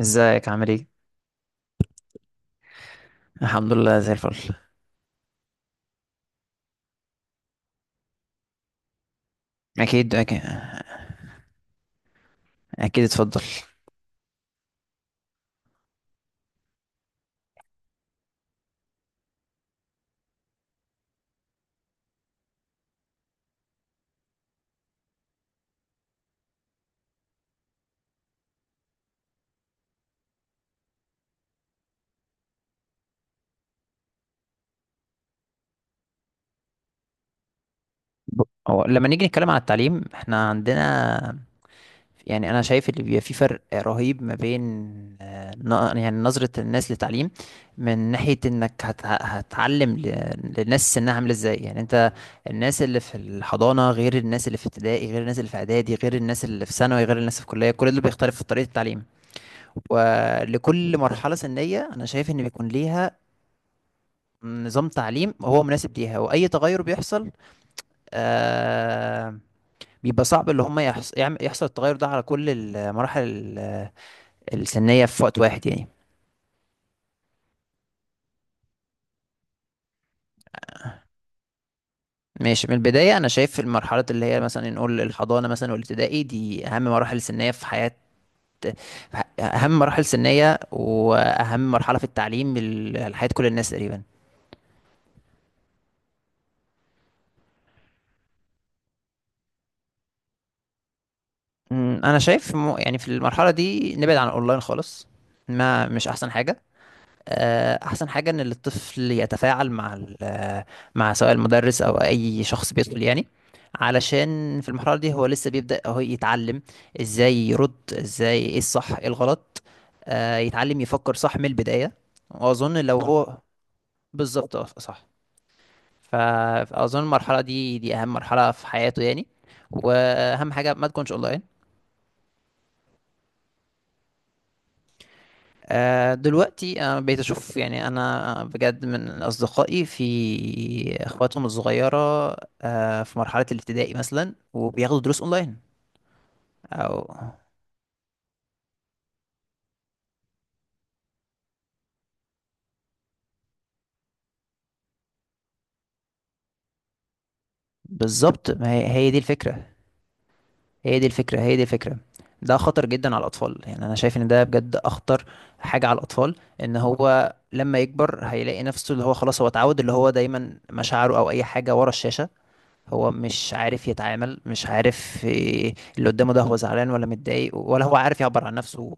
ازيك عامل ايه؟ الحمد لله زي الفل. اكيد، أكيد اتفضل. ب- هو لما نيجي نتكلم عن التعليم احنا عندنا، يعني انا شايف اللي بيبقى في فرق رهيب ما بين يعني نظرة الناس للتعليم، من ناحية انك هتعلم للناس سنها عامل ازاي. يعني انت الناس اللي في الحضانة غير الناس اللي في ابتدائي غير الناس اللي في اعدادي غير الناس اللي في ثانوي غير الناس في كلية، كل دول بيختلف في طريقة التعليم. ولكل مرحلة سنية انا شايف ان بيكون ليها نظام تعليم هو مناسب ليها، واي تغير بيحصل آه بيبقى صعب، اللي هم يحصل التغير ده على كل المراحل ال- السنية في وقت واحد يعني. ماشي، من البداية أنا شايف المرحلة اللي هي مثلا نقول الحضانة مثلا والابتدائي، دي أهم مراحل سنية في حياة، في أهم مراحل سنية وأهم مرحلة في التعليم لحياة كل الناس تقريبا. أنا شايف يعني في المرحلة دي نبعد عن الأونلاين خالص، ما مش أحسن حاجة. احسن حاجه ان الطفل يتفاعل مع مع سواء المدرس او اي شخص بيدخل يعني، علشان في المرحله دي هو لسه بيبدا هو يتعلم ازاي يرد، ازاي ايه الصح ايه الغلط. يتعلم يفكر صح من البدايه، واظن لو صح هو. بالظبط صح. ف- فاظن المرحله دي دي اهم مرحله في حياته يعني، واهم حاجه ما تكونش اونلاين. دلوقتي انا بقيت اشوف يعني انا بجد من اصدقائي في اخواتهم الصغيره، في مرحله الابتدائي مثلا وبياخدوا دروس اونلاين او. بالظبط، ما هي هي دي الفكره، هي دي الفكره، هي دي الفكره. ده خطر جدا على الاطفال، يعني انا شايف ان ده بجد اخطر حاجه على الاطفال. ان هو لما يكبر هيلاقي نفسه اللي هو خلاص هو اتعود اللي هو دايما مشاعره او اي حاجه ورا الشاشه، هو مش عارف يتعامل، مش عارف إيه اللي قدامه، ده هو زعلان ولا متضايق ولا هو عارف يعبر عن نفسه.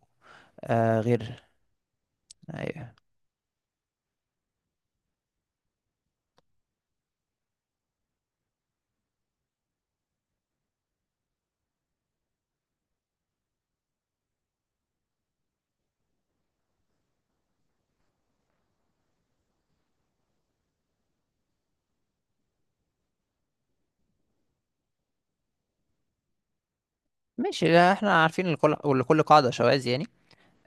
آه غير. أيوة. ماشي. لا، احنا عارفين لكل ولكل قاعدة شواذ يعني.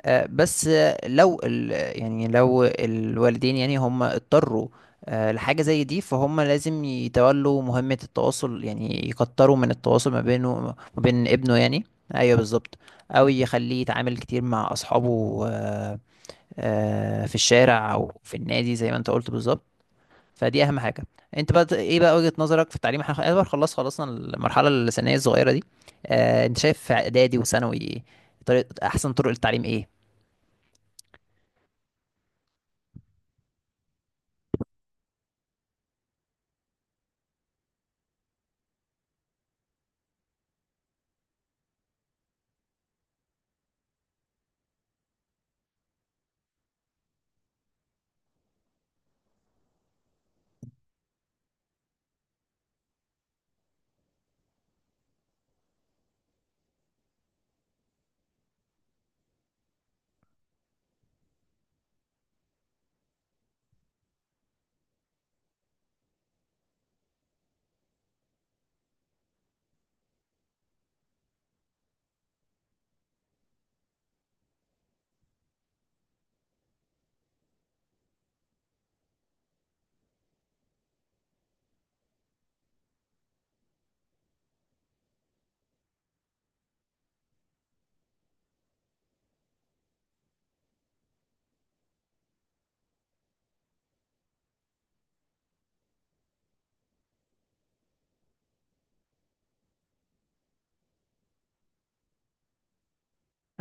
آه بس آه، لو يعني لو الوالدين يعني هم اضطروا لحاجة زي دي، فهم لازم يتولوا مهمة التواصل، يعني يكتروا من التواصل ما بينه ما بين ابنه يعني. ايوه بالظبط، او يخليه يتعامل كتير مع اصحابه. في الشارع او في النادي زي ما انت قلت بالظبط، فدي اهم حاجه. انت بقى ايه بقى وجهة نظرك في التعليم؟ احنا خلاص خلاص خلصنا المرحله الثانويه الصغيره دي، انت شايف في اعدادي وثانوي طريقه احسن طرق للتعليم ايه؟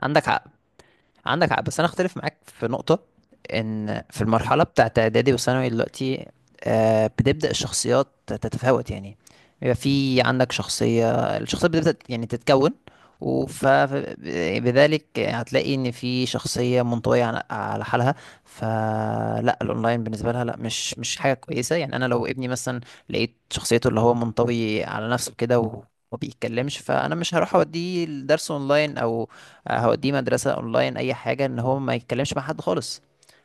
عندك حق. عندك حق بس انا اختلف معاك في نقطة. ان في المرحلة بتاعت اعدادي وثانوي دلوقتي بتبدأ الشخصيات تتفاوت يعني، بيبقى في عندك شخصية، الشخصية بتبدأ يعني تتكون، وبذلك هتلاقي ان في شخصية منطوية على على حالها، فلا الاونلاين بالنسبة لها لا مش حاجة كويسة يعني. انا لو ابني مثلا لقيت شخصيته اللي هو منطوي على نفسه كده وما بيتكلمش، فانا مش هروح اوديه الدرس اونلاين او هوديه مدرسة اونلاين، اي حاجة ان هو ما يتكلمش مع حد خالص.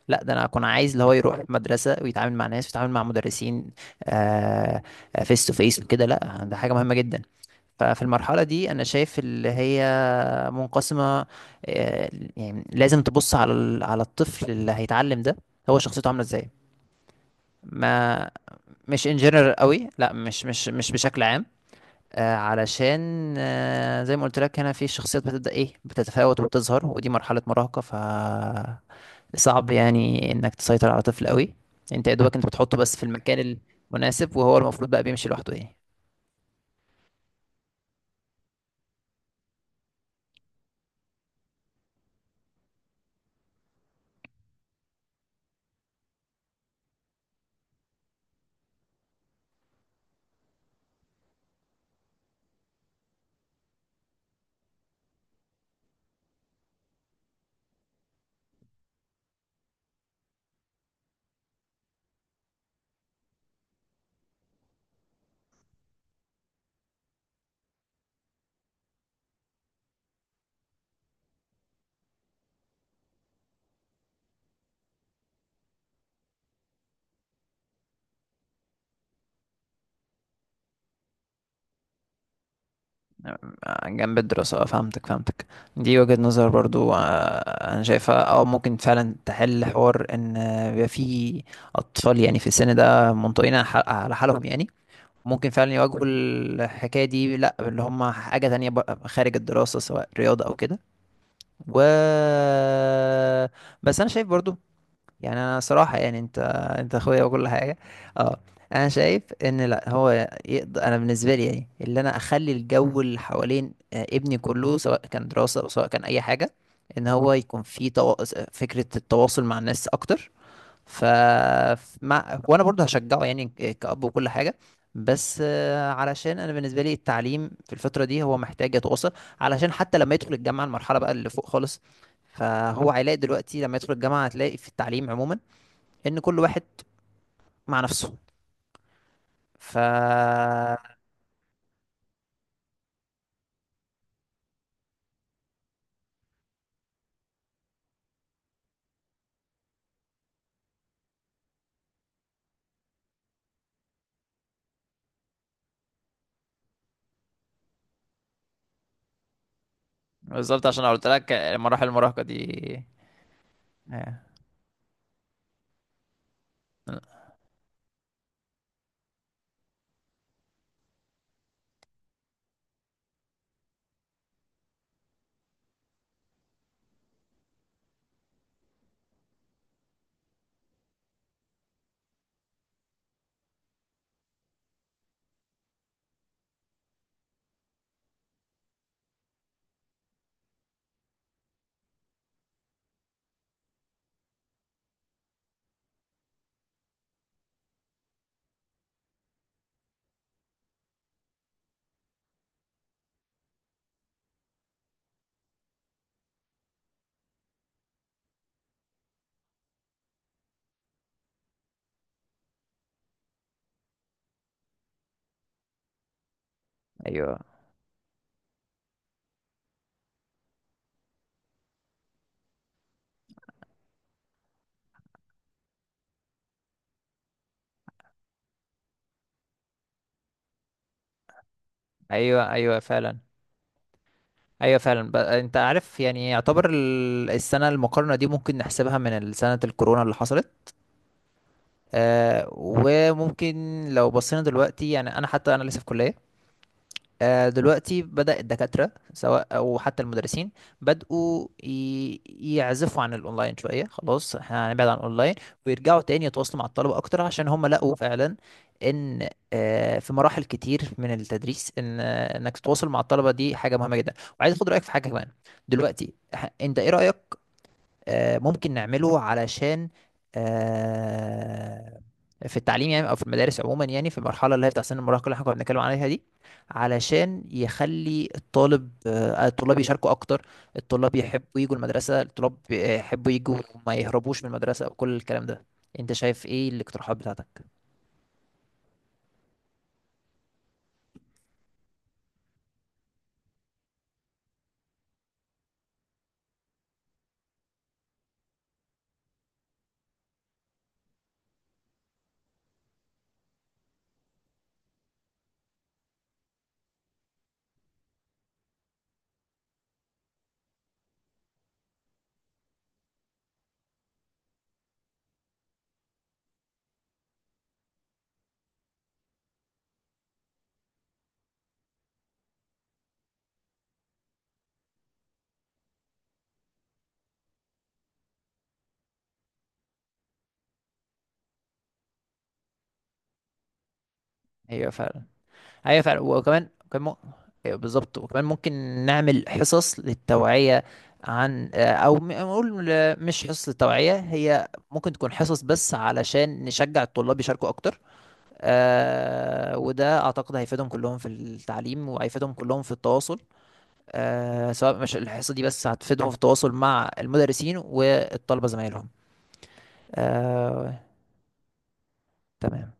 لا، ده انا اكون عايز اللي هو يروح مدرسة ويتعامل مع ناس ويتعامل مع مدرسين فيس تو فيس وكده، لا ده حاجة مهمة جدا. ففي المرحلة دي انا شايف اللي هي منقسمة. آه، يعني لازم تبص على على الطفل اللي هيتعلم ده هو شخصيته عاملة ازاي، ما مش ان جنرال قوي، لا، مش بشكل عام، علشان زي ما قلت لك هنا في شخصيات بتبدأ ايه، بتتفاوت وبتظهر، ودي مرحلة مراهقة، ف صعب يعني انك تسيطر على طفل قوي، انت يا دوبك انت بتحطه بس في المكان المناسب وهو المفروض بقى بيمشي لوحده يعني. جنب الدراسة. فهمتك فهمتك، دي وجهة نظر برضو. انا شايفها اه ممكن فعلا تحل حوار ان بيبقى في اطفال يعني في السن ده منطويين على حالهم يعني، ممكن فعلا يواجهوا الحكاية دي لأ اللي هم حاجة تانية بقى خارج الدراسة سواء رياضة أو كده. و بس أنا شايف برضو، يعني أنا صراحة يعني أنت أخويا وكل حاجة، أه أنا شايف إن لأ هو يقدر، أنا بالنسبة لي يعني اللي أنا أخلي الجو اللي حوالين ابني كله سواء كان دراسة أو سواء كان أي حاجة إن هو يكون في فكرة التواصل مع الناس أكتر. ف مع وانا برضه هشجعه يعني كأب وكل حاجة، بس علشان انا بالنسبة لي التعليم في الفترة دي هو محتاج يتواصل، علشان حتى لما يدخل الجامعة المرحلة بقى اللي فوق خالص، فهو هيلاقي دلوقتي لما يدخل الجامعة هتلاقي في التعليم عموما ان كل واحد مع نفسه. ف بالظبط، عشان أنا قلت لك مراحل المراهقة دي. آه. آه. ايوه. ايوه. ايوه فعلا. ايوه فعلا. انت عارف يعني، يعتبر السنه المقارنه دي ممكن نحسبها من سنه الكورونا اللي حصلت. آه، وممكن لو بصينا دلوقتي، يعني انا حتى انا لسه في كلية. آه دلوقتي بدأ الدكاترة سواء او حتى المدرسين بدأوا يعزفوا عن الاونلاين شوية، خلاص احنا هنبعد عن الاونلاين ويرجعوا تاني يتواصلوا مع الطلبة اكتر، عشان هم لقوا فعلا ان آه في مراحل كتير من التدريس ان آه انك تتواصل مع الطلبة دي حاجة مهمة جدا. وعايز اخد رأيك في حاجة كمان. دلوقتي انت ايه رأيك، ممكن نعمله علشان آه، في التعليم يعني او في المدارس عموما، يعني في المرحله اللي هي بتاع سن المراهقه اللي احنا كنا بنتكلم عليها دي، علشان يخلي الطالب الطلاب يشاركوا اكتر، الطلاب يحبوا يجوا المدرسه، الطلاب يحبوا يجوا وما يهربوش من المدرسه وكل الكلام ده. انت شايف ايه الاقتراحات بتاعتك؟ ايوه فعلا. ايوه فعلا، وكمان أيوة بالظبط، وكمان ممكن نعمل حصص للتوعية عن او نقول آه، مش حصص للتوعية، هي ممكن تكون حصص بس علشان نشجع الطلاب يشاركوا اكتر، وده اعتقد هيفيدهم كلهم في التعليم وهيفيدهم كلهم في التواصل. سواء مش الحصة دي بس هتفيدهم في التواصل مع المدرسين والطلبة زمايلهم. آه. تمام.